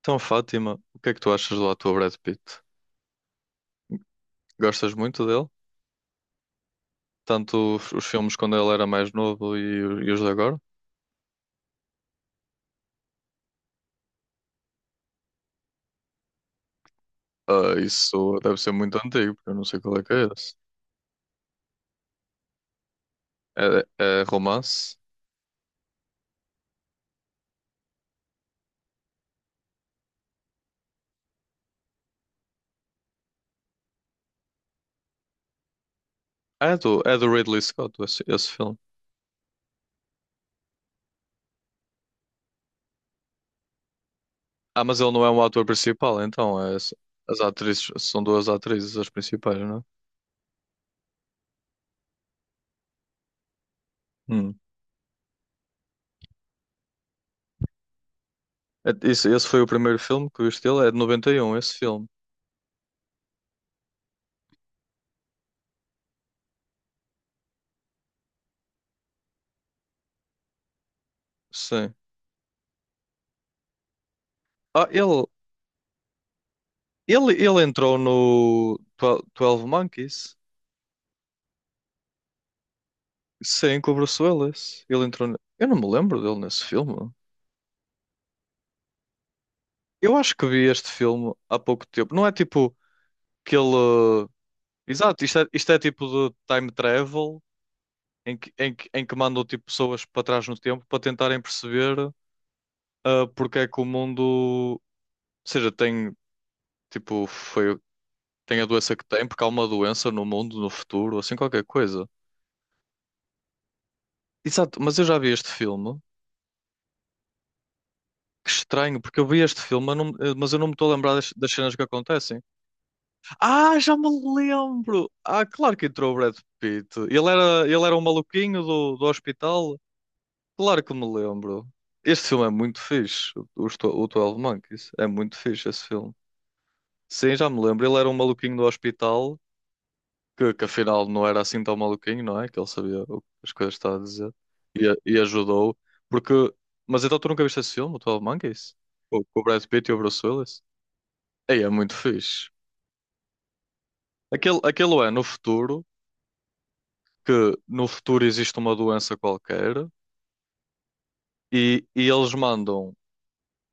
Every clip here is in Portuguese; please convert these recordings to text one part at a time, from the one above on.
Então, Fátima, o que é que tu achas do ator Brad Pitt? Gostas muito dele? Tanto os filmes quando ele era mais novo e os de agora? Ah, isso deve ser muito antigo, porque eu não sei qual é que é esse. É, é romance? Ah, é do Ridley Scott, esse filme. Ah, mas ele não é um ator principal, então. As atrizes, são duas atrizes as principais, não é? Hum. Isso, esse foi o primeiro filme que eu vi dele, é de 91 esse filme. Sim. Ah, ele entrou no Twelve Monkeys. Sim, com o Bruce Willis. Ele entrou. Eu não me lembro dele nesse filme. Eu acho que vi este filme há pouco tempo. Não é tipo que ele. Exato, isto é tipo de time travel em que mandam tipo, pessoas para trás no tempo para tentarem perceber porque é que o mundo. Ou seja, tem tipo, foi, tem a doença que tem, porque há uma doença no mundo, no futuro, assim qualquer coisa. Exato, mas eu já vi este filme. Que estranho, porque eu vi este filme, mas eu não me estou a lembrar das cenas que acontecem. Ah, já me lembro! Ah, claro que entrou o Brad Pitt. Ele era um maluquinho do hospital. Claro que me lembro. Este filme é muito fixe. O 12 Monkeys. É muito fixe esse filme. Sim, já me lembro. Ele era um maluquinho do hospital, que afinal não era assim tão maluquinho, não é? Que ele sabia as coisas que estava a dizer. E ajudou. Porque. Mas então tu nunca viste esse filme, o 12 Monkeys? Com o Brad Pitt e o Bruce Willis? Ei, é muito fixe. Aquele é no futuro. Que no futuro existe uma doença qualquer e eles mandam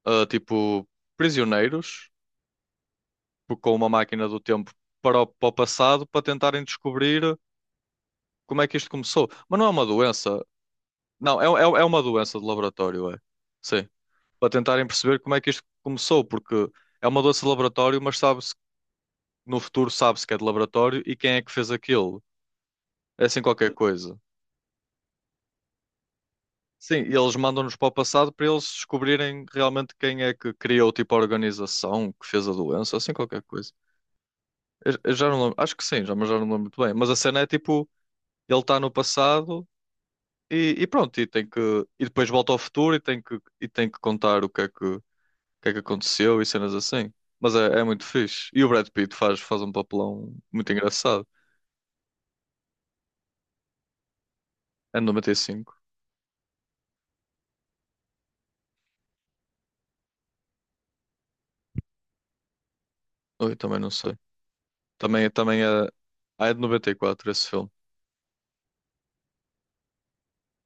tipo prisioneiros com uma máquina do tempo para o, passado para tentarem descobrir como é que isto começou. Mas não é uma doença. Não, é uma doença de laboratório, é. Sim. Para tentarem perceber como é que isto começou, porque é uma doença de laboratório, mas sabe-se, no futuro sabe-se que é de laboratório e quem é que fez aquilo. É assim qualquer coisa. Sim, e eles mandam-nos para o passado para eles descobrirem realmente quem é que criou tipo a organização que fez a doença, assim qualquer coisa. Eu já não lembro, acho que sim, já, mas já não lembro muito bem. Mas a cena é tipo, ele está no passado e pronto, e tem que e depois volta ao futuro e tem que contar o que é que aconteceu e cenas assim. Mas é muito fixe. E o Brad Pitt faz um papelão muito engraçado. É de 95. Oi, também não sei. Também é de 94 esse filme.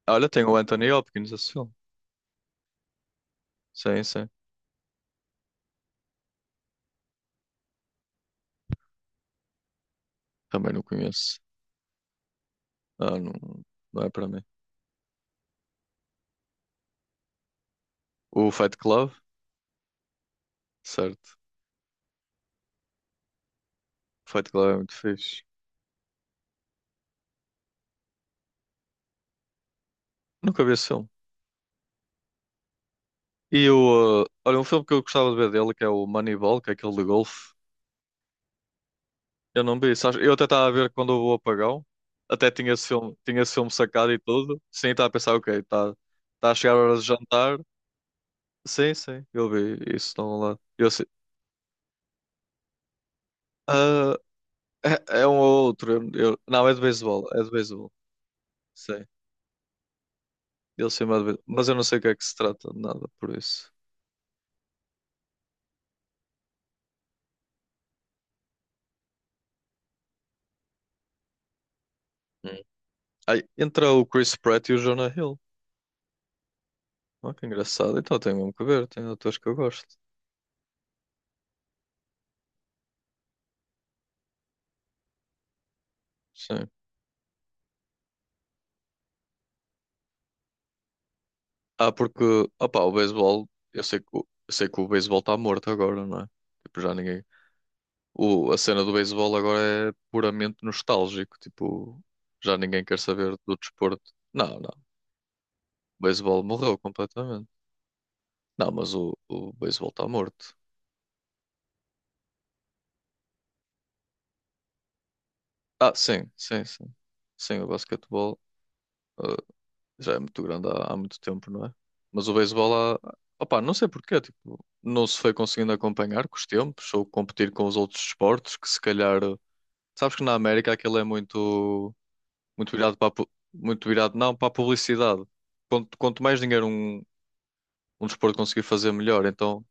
Olha, tem o Anthony Hopkins esse filme. Sim, sim. Também não conheço. Ah, não, não é para mim. O Fight Club, certo. Fight Club é muito fixe. Nunca vi esse filme. Olha, um filme que eu gostava de ver dele, que é o Moneyball, que é aquele de golfe. Eu não vi, sabes? Eu até estava a ver quando houve o apagão. Até tinha esse filme sacado e tudo. Sim, estava a pensar, ok, está tá a chegar a hora de jantar. Sim, sim, eu vi isso estão lá. Eu, sei- ah, é um ou outro. Não, é de beisebol, é de beisebol. Ele chama de. Mas eu não sei o que é que se trata de nada por isso. Hum. Ai, entra o Chris Pratt e o Jonah Hill. Oh, que engraçado. Então tenho mesmo que ver. Tem atores que eu gosto. Sim. Ah, porque. Opá, o beisebol. Eu sei que o beisebol está morto agora, não é? Tipo, já ninguém. A cena do beisebol agora é puramente nostálgico. Tipo, já ninguém quer saber do desporto. Não, não. O beisebol morreu completamente. Não, mas o beisebol está morto. Ah, sim, sim, sim. Sim, o basquetebol. ah, Já é muito grande há muito tempo, não é? Mas o beisebol há. Opá, não sei porquê, tipo, não se foi conseguindo acompanhar com os tempos ou competir com os outros esportes que se calhar. Sabes que na América aquilo é muito, muito virado para a muito virado, não, para a publicidade. Quanto mais dinheiro um desporto conseguir fazer, melhor. Então,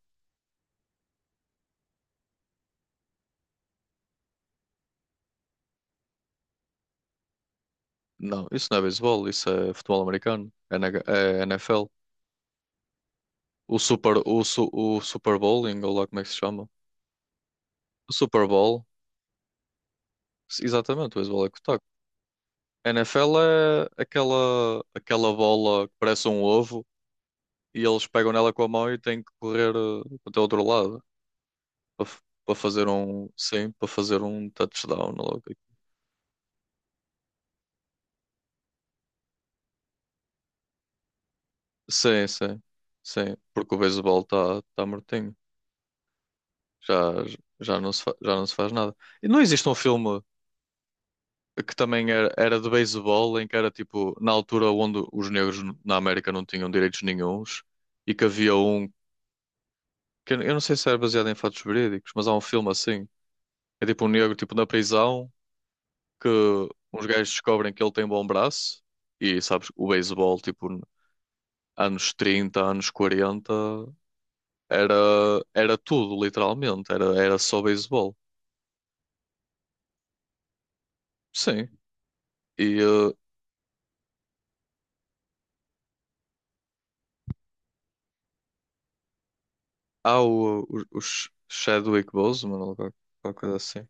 não, isso não é beisebol, isso é futebol americano, é, NH é NFL. O Super Bowling, ou lá como é que se chama? O Super Bowl, exatamente, o beisebol é que está. NFL é aquela bola que parece um ovo e eles pegam nela com a mão e têm que correr até o outro lado para para fazer um, sim, para fazer um touchdown logo. Sim, sim, sim, porque o beisebol está tá tá mortinho. Já, já não se faz nada. E não existe um filme que também era de beisebol em que era tipo, na altura onde os negros na América não tinham direitos nenhuns e que que eu não sei se era baseado em fatos verídicos, mas há um filme assim. É tipo um negro tipo na prisão que uns gajos descobrem que ele tem bom braço e sabes, o beisebol tipo anos 30 anos 40 era era tudo literalmente, era só beisebol. Sim. E há os Chadwick Boseman ou qualquer coisa assim.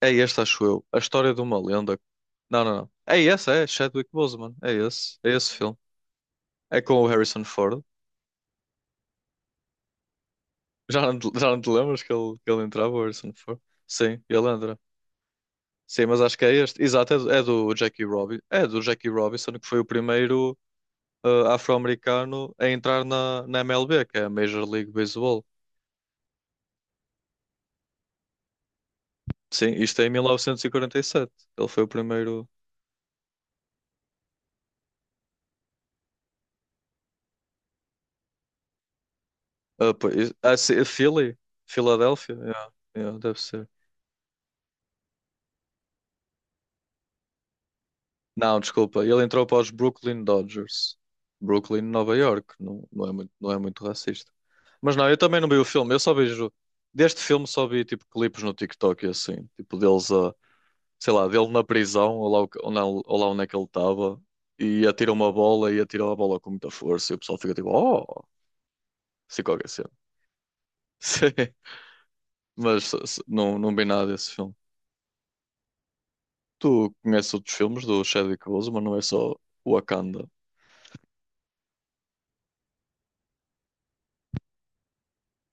É este, acho eu. A história de uma lenda. Não, não, não. É esse, é Chadwick Boseman. É esse filme. É com o Harrison Ford. Já não te lembras que ele, entrava, o Harrison Ford? Sim, ele entra. Sim, mas acho que é este. Exato, é do Jackie Robinson. É do Jackie Robinson, que foi o primeiro afro-americano a entrar na MLB, que é a Major League Baseball. Sim, isto é em 1947. Ele foi o primeiro. Pô, sim, Philly? Filadélfia? Yeah, yeah, deve ser. Não, desculpa. Ele entrou para os Brooklyn Dodgers. Brooklyn, Nova York. Não, não é muito, não é muito racista. Mas não, eu também não vi o filme. Eu só vejo. Deste filme só vi tipo clipes no TikTok e assim. Tipo deles a sei lá, dele na prisão, ou lá, o que- ou na- ou lá onde é que ele estava, e atira uma bola e atira a bola com muita força, e o pessoal fica tipo, oh, sei qualquer cena. Sim, mas não, não vi nada desse filme. Tu conheces outros filmes do Chadwick Boseman, não é só Wakanda.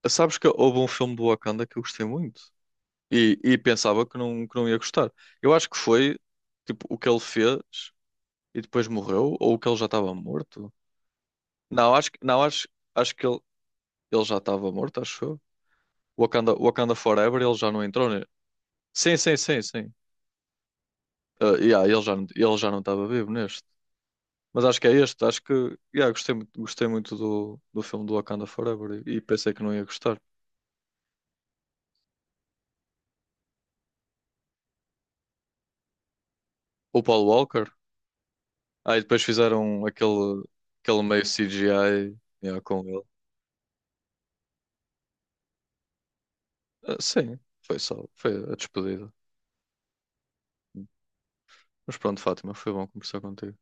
Sabes que houve um filme do Wakanda que eu gostei muito e pensava que não, ia gostar. Eu acho que foi tipo o que ele fez e depois morreu, ou o que ele já estava morto. Não, acho que não, acho que ele já estava morto, acho eu. Wakanda, Wakanda Forever, ele já não entrou, né? Sim, sim, sim, sim. Ah, yeah, ele já não estava vivo neste. Mas acho que é este, acho que yeah, gostei muito do filme do Wakanda Forever e pensei que não ia gostar. O Paul Walker, aí depois fizeram aquele, meio CGI, yeah, com ele. Ah, sim, foi só, foi a despedida. Mas pronto, Fátima, foi bom conversar contigo.